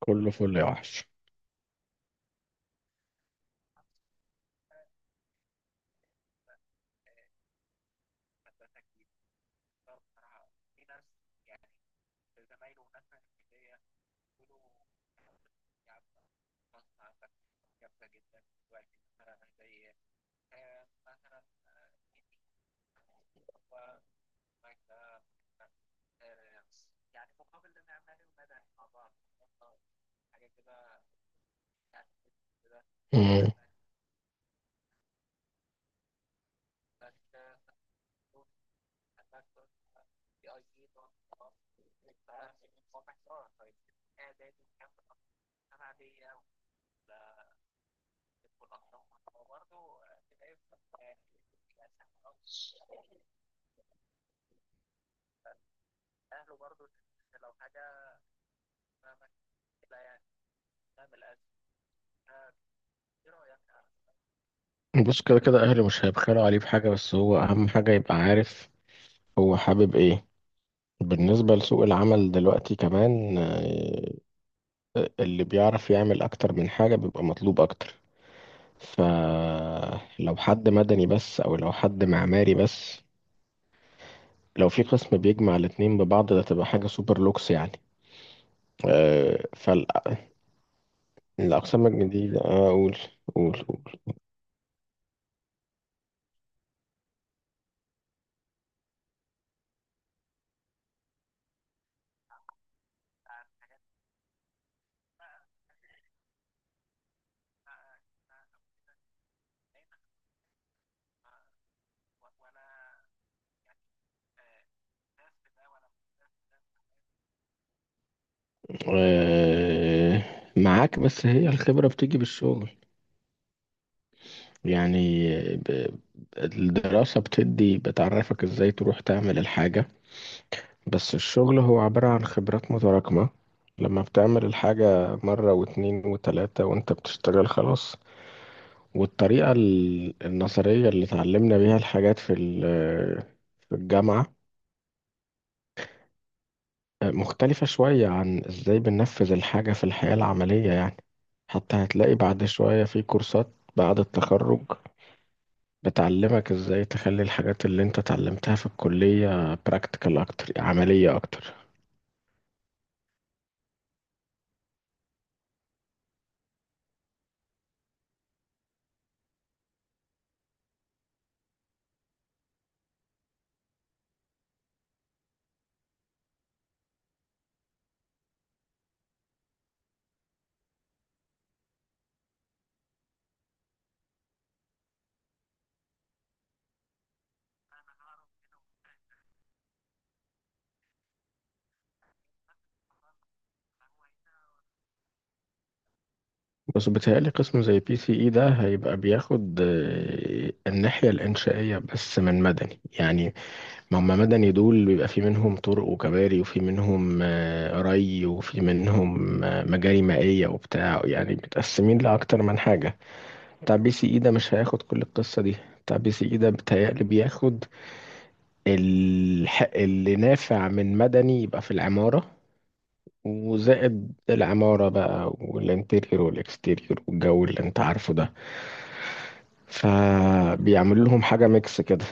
كله فل يا وحش. مم. بص كده كده، اهلي مش هيبخلوا عليه بحاجه، بس هو اهم حاجه يبقى عارف هو حابب ايه. بالنسبه لسوق العمل دلوقتي كمان، اللي بيعرف يعمل اكتر من حاجه بيبقى مطلوب اكتر. فلو حد مدني بس او لو حد معماري بس، لو في قسم بيجمع الاتنين ببعض ده تبقى حاجه سوبر لوكس يعني. آه، فال الأقسام الجديدة، أقول. أه، معاك، بس هي الخبرة بتيجي بالشغل يعني. ب- الدراسة بتدي، بتعرفك ازاي تروح تعمل الحاجة، بس الشغل هو عبارة عن خبرات متراكمة. لما بتعمل الحاجة مرة واتنين وتلاتة وانت بتشتغل خلاص. والطريقة النظرية اللي اتعلمنا بيها الحاجات في في الجامعة مختلفة شوية عن ازاي بننفذ الحاجة في الحياة العملية يعني. حتى هتلاقي بعد شوية في كورسات بعد التخرج بتعلمك ازاي تخلي الحاجات اللي انت اتعلمتها في الكلية براكتيكال اكتر، عملية اكتر. بس بيتهيألي قسم زي بي سي اي ده هيبقى بياخد الناحية الإنشائية بس من مدني يعني. ما هم مدني دول بيبقى في منهم طرق وكباري، وفي منهم ري، وفي منهم مجاري مائية وبتاع، يعني متقسمين لأكتر من حاجة. بتاع بي سي اي ده مش هياخد كل القصة دي. بتاع بي سي اي ده بيتهيألي بياخد اللي نافع من مدني، يبقى في العمارة وزائد العمارة بقى، والانتيريور والاكستيريور والجو اللي انت عارفه ده، فبيعمل لهم حاجة ميكس كده.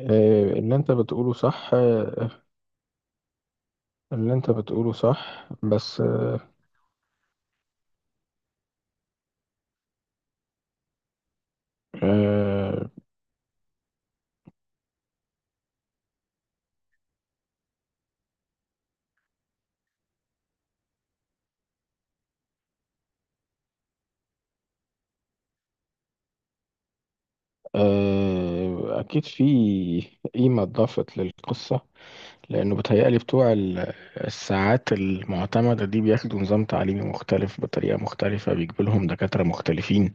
اللي انت بتقوله صح. بس، آه، اكيد في قيمة اتضافت للقصة، لأنه بيتهيألي بتوع الساعات المعتمدة دي بياخدوا نظام تعليمي مختلف بطريقة مختلفة، بيجيبوا لهم دكاترة مختلفين،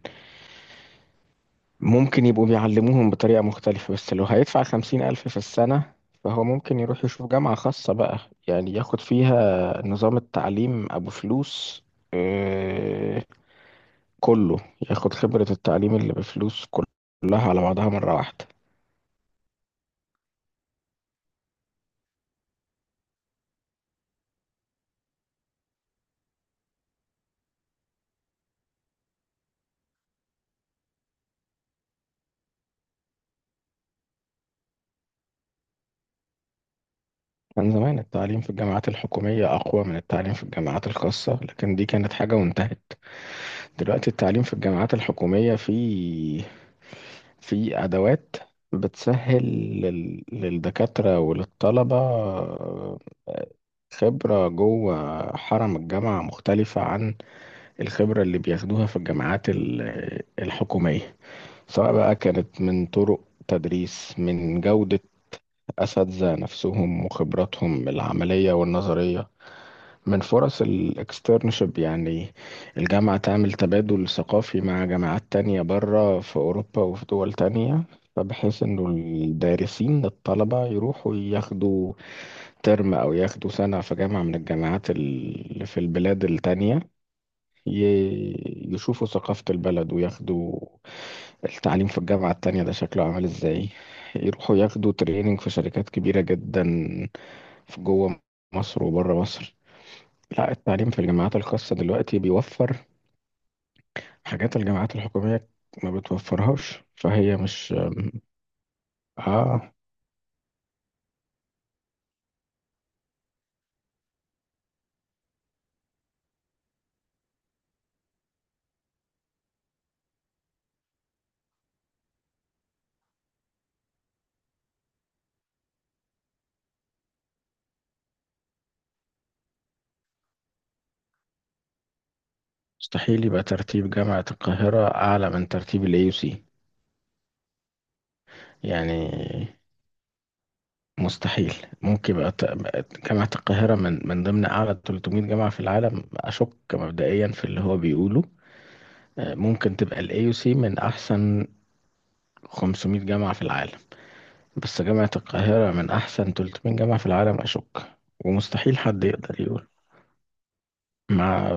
ممكن يبقوا بيعلموهم بطريقة مختلفة. بس لو هيدفع 50,000 في السنة، فهو ممكن يروح يشوف جامعة خاصة بقى، يعني ياخد فيها نظام التعليم أبو فلوس، آه، كله، ياخد خبرة التعليم اللي بفلوس كلها على بعضها مرة واحدة. كان زمان التعليم في الجامعات الحكومية أقوى من التعليم في الجامعات الخاصة، لكن دي كانت حاجة وانتهت. دلوقتي التعليم في الجامعات الحكومية فيه، في أدوات بتسهل للدكاترة وللطلبة. خبرة جوه حرم الجامعة مختلفة عن الخبرة اللي بياخدوها في الجامعات الحكومية، سواء بقى كانت من طرق تدريس، من جودة أساتذة نفسهم وخبراتهم العملية والنظرية، من فرص الاكسترنشيب يعني. الجامعة تعمل تبادل ثقافي مع جامعات تانية بره في أوروبا وفي دول تانية، فبحيث إنه الدارسين الطلبة يروحوا ياخدوا ترم أو ياخدوا سنة في جامعة من الجامعات اللي في البلاد التانية، يشوفوا ثقافة البلد وياخدوا التعليم في الجامعة التانية ده شكله عامل ازاي، يروحوا ياخدوا تريننج في شركات كبيرة جدا في جوه مصر وبره مصر. لا، التعليم في الجامعات الخاصة دلوقتي بيوفر حاجات الجامعات الحكومية ما بتوفرهاش، فهي مش. اه مستحيل يبقى ترتيب جامعة القاهرة أعلى من ترتيب ال AUC يعني، مستحيل. ممكن يبقى جامعة القاهرة من ضمن أعلى 300 جامعة في العالم أشك، مبدئيا في اللي هو بيقوله. ممكن تبقى ال AUC من أحسن 500 جامعة في العالم، بس جامعة القاهرة من أحسن 300 جامعة في العالم أشك. ومستحيل حد يقدر يقول. مع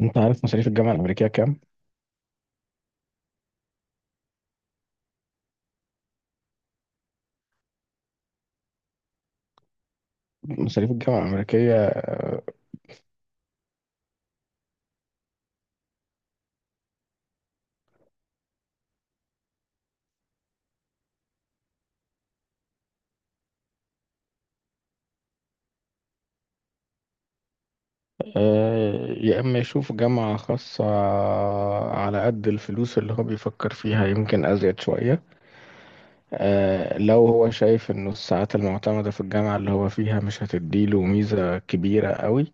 أنت عارف مصاريف الجامعة الأمريكية كام؟ مصاريف الجامعة الأمريكية، يا إما يشوف جامعة خاصة على قد الفلوس اللي هو بيفكر فيها، يمكن أزيد شوية. لو هو شايف انه الساعات المعتمدة في الجامعة اللي هو فيها مش هتديله ميزة كبيرة قوي،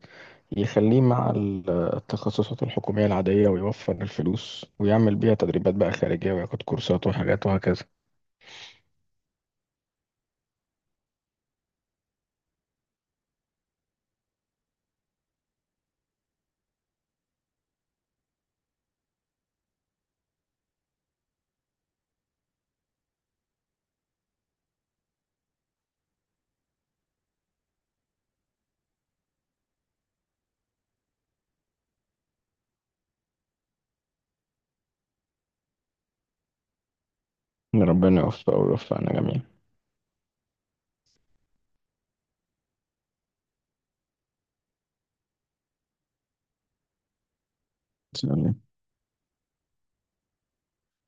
يخليه مع التخصصات الحكومية العادية ويوفر الفلوس ويعمل بيها تدريبات بقى خارجية وياخد كورسات وحاجات وهكذا. ربنا يوفقه ويوفقنا جميعا. سلام.